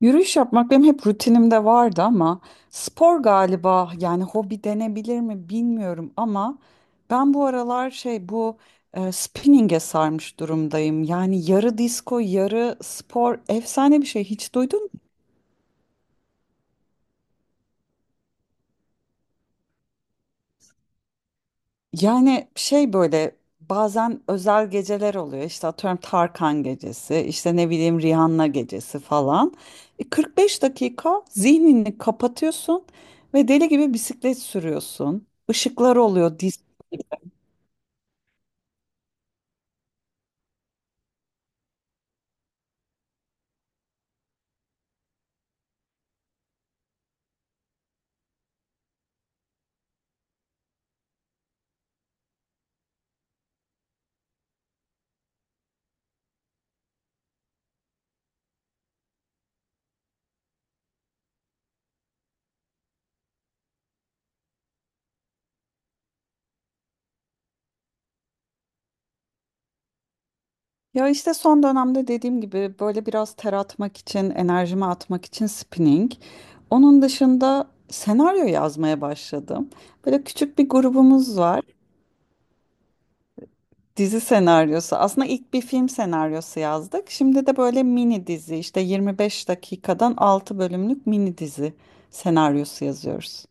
Yürüyüş yapmak benim hep rutinimde vardı ama spor galiba yani hobi denebilir mi bilmiyorum ama ben bu aralar spinning'e sarmış durumdayım. Yani yarı disco yarı spor efsane bir şey hiç duydun mu? Yani şey böyle bazen özel geceler oluyor işte atıyorum Tarkan gecesi işte ne bileyim Rihanna gecesi falan. 45 dakika zihnini kapatıyorsun ve deli gibi bisiklet sürüyorsun. Işıklar oluyor dis. Ya işte son dönemde dediğim gibi böyle biraz ter atmak için enerjimi atmak için spinning. Onun dışında senaryo yazmaya başladım. Böyle küçük bir grubumuz var. Dizi senaryosu. Aslında ilk bir film senaryosu yazdık. Şimdi de böyle mini dizi işte 25 dakikadan 6 bölümlük mini dizi senaryosu yazıyoruz.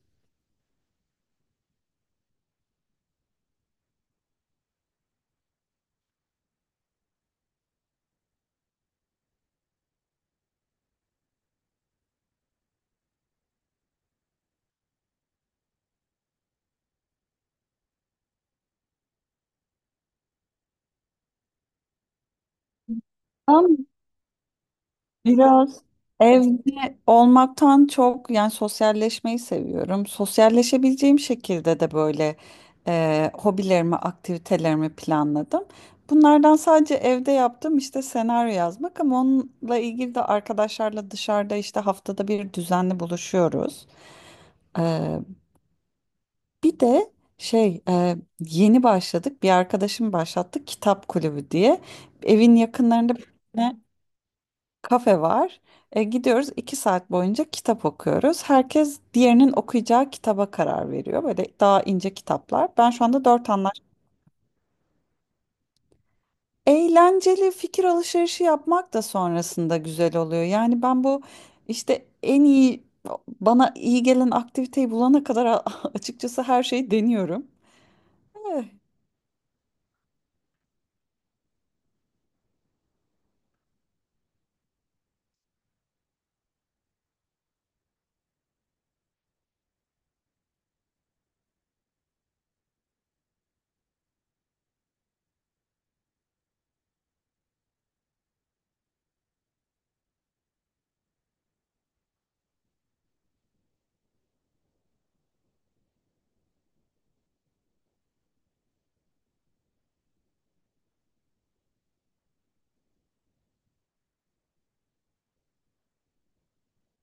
Aa, biraz evde olmaktan çok yani sosyalleşmeyi seviyorum. Sosyalleşebileceğim şekilde de hobilerimi, aktivitelerimi planladım. Bunlardan sadece evde yaptığım işte senaryo yazmak ama onunla ilgili de arkadaşlarla dışarıda işte haftada bir düzenli buluşuyoruz. Ee, bir de yeni başladık, bir arkadaşım başlattı kitap kulübü diye. Evin yakınlarında bir tane kafe var. Gidiyoruz 2 saat boyunca kitap okuyoruz. Herkes diğerinin okuyacağı kitaba karar veriyor. Böyle daha ince kitaplar. Ben şu anda dört anlar. Eğlenceli fikir alışverişi yapmak da sonrasında güzel oluyor. Yani ben bu işte en iyi bana iyi gelen aktiviteyi bulana kadar açıkçası her şeyi deniyorum. Eh,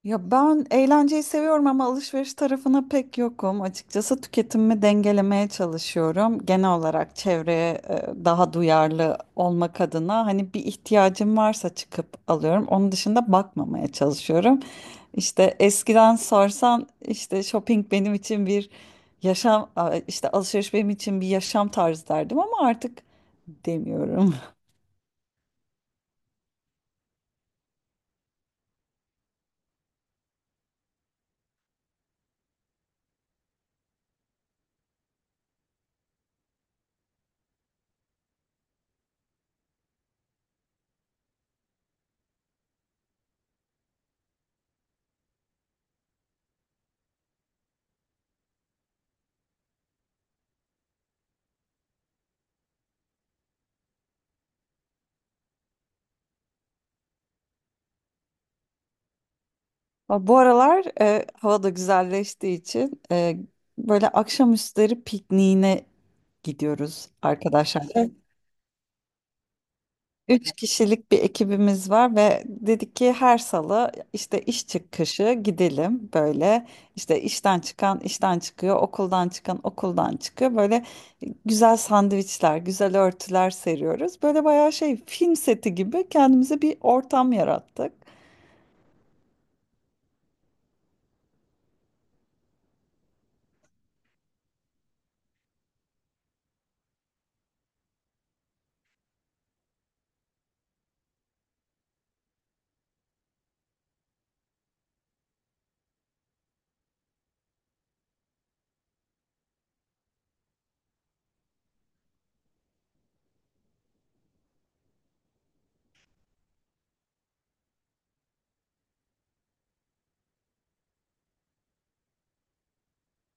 Ya ben eğlenceyi seviyorum ama alışveriş tarafına pek yokum. Açıkçası tüketimimi dengelemeye çalışıyorum. Genel olarak çevreye daha duyarlı olmak adına hani bir ihtiyacım varsa çıkıp alıyorum. Onun dışında bakmamaya çalışıyorum. İşte eskiden sorsan işte shopping benim için bir işte alışveriş benim için bir yaşam tarzı derdim ama artık demiyorum. Ama bu aralar hava da güzelleştiği için, böyle akşamüstleri pikniğine gidiyoruz arkadaşlar. Evet. Üç kişilik bir ekibimiz var ve dedik ki her salı işte iş çıkışı gidelim. Böyle işte işten çıkan işten çıkıyor, okuldan çıkan okuldan çıkıyor. Böyle güzel sandviçler, güzel örtüler seriyoruz, böyle bayağı şey film seti gibi kendimize bir ortam yarattık.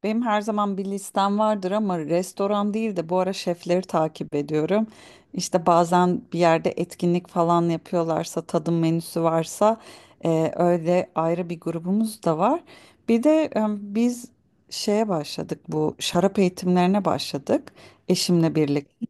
Benim her zaman bir listem vardır ama restoran değil de bu ara şefleri takip ediyorum. İşte bazen bir yerde etkinlik falan yapıyorlarsa, tadım menüsü varsa öyle ayrı bir grubumuz da var. Bir de biz şeye başladık bu şarap eğitimlerine başladık eşimle birlikte.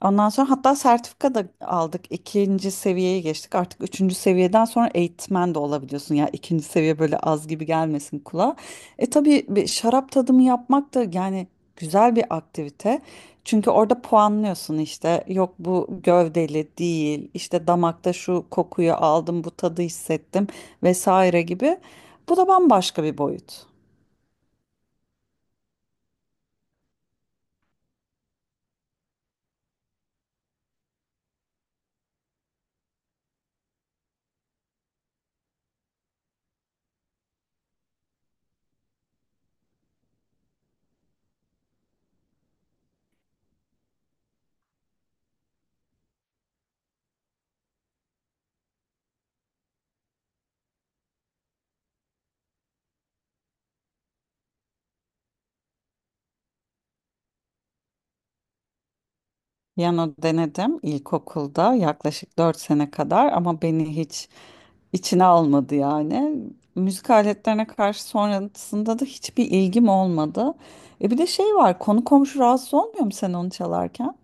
Ondan sonra hatta sertifika da aldık. İkinci seviyeye geçtik. Artık üçüncü seviyeden sonra eğitmen de olabiliyorsun. Ya ikinci seviye böyle az gibi gelmesin kulağa. E tabii bir şarap tadımı yapmak da yani güzel bir aktivite. Çünkü orada puanlıyorsun işte. Yok bu gövdeli değil. İşte damakta şu kokuyu aldım, bu tadı hissettim vesaire gibi. Bu da bambaşka bir boyut. Piyano denedim ilkokulda yaklaşık 4 sene kadar ama beni hiç içine almadı yani. Müzik aletlerine karşı sonrasında da hiçbir ilgim olmadı. E bir de şey var, konu komşu rahatsız olmuyor mu sen onu çalarken?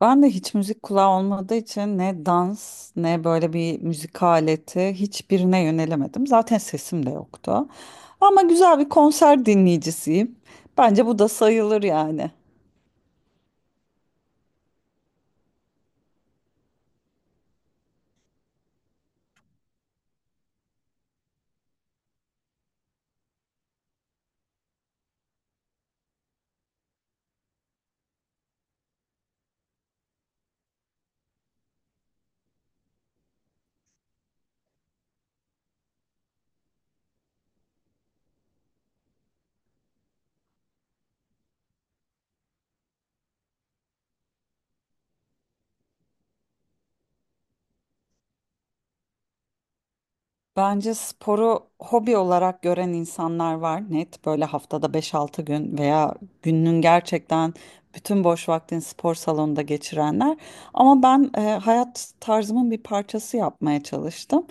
Ben de hiç müzik kulağı olmadığı için ne dans ne böyle bir müzik aleti hiçbirine yönelemedim. Zaten sesim de yoktu. Ama güzel bir konser dinleyicisiyim. Bence bu da sayılır yani. Bence sporu hobi olarak gören insanlar var, net böyle haftada beş-altı gün veya gününün gerçekten bütün boş vaktini spor salonunda geçirenler. Ama ben hayat tarzımın bir parçası yapmaya çalıştım.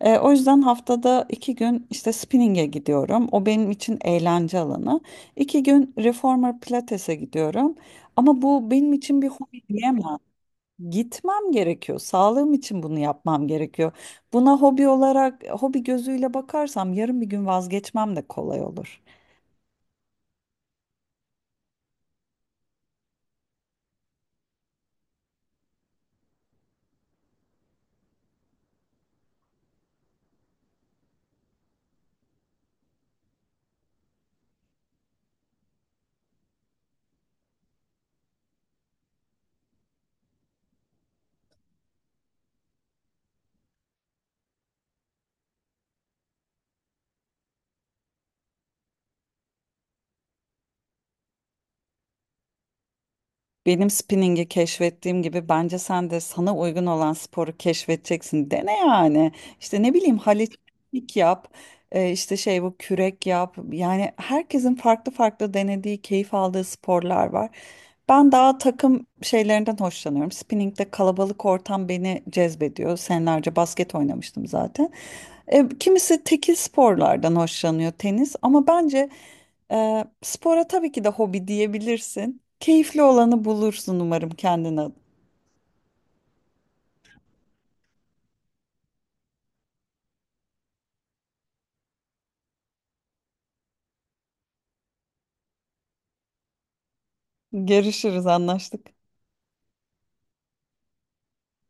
O yüzden haftada 2 gün işte spinning'e gidiyorum. O benim için eğlence alanı. 2 gün reformer pilates'e gidiyorum. Ama bu benim için bir hobi diyemem. Gitmem gerekiyor. Sağlığım için bunu yapmam gerekiyor. Buna hobi olarak, hobi gözüyle bakarsam yarın bir gün vazgeçmem de kolay olur. Benim spinningi keşfettiğim gibi bence sen de sana uygun olan sporu keşfedeceksin. Dene yani. İşte ne bileyim halekupik yap, işte şey bu kürek yap. Yani herkesin farklı farklı denediği, keyif aldığı sporlar var. Ben daha takım şeylerinden hoşlanıyorum. Spinning'de kalabalık ortam beni cezbediyor. Senelerce basket oynamıştım zaten. Kimisi tekil sporlardan hoşlanıyor, tenis, ama bence spora tabii ki de hobi diyebilirsin. Keyifli olanı bulursun umarım kendine. Görüşürüz, anlaştık.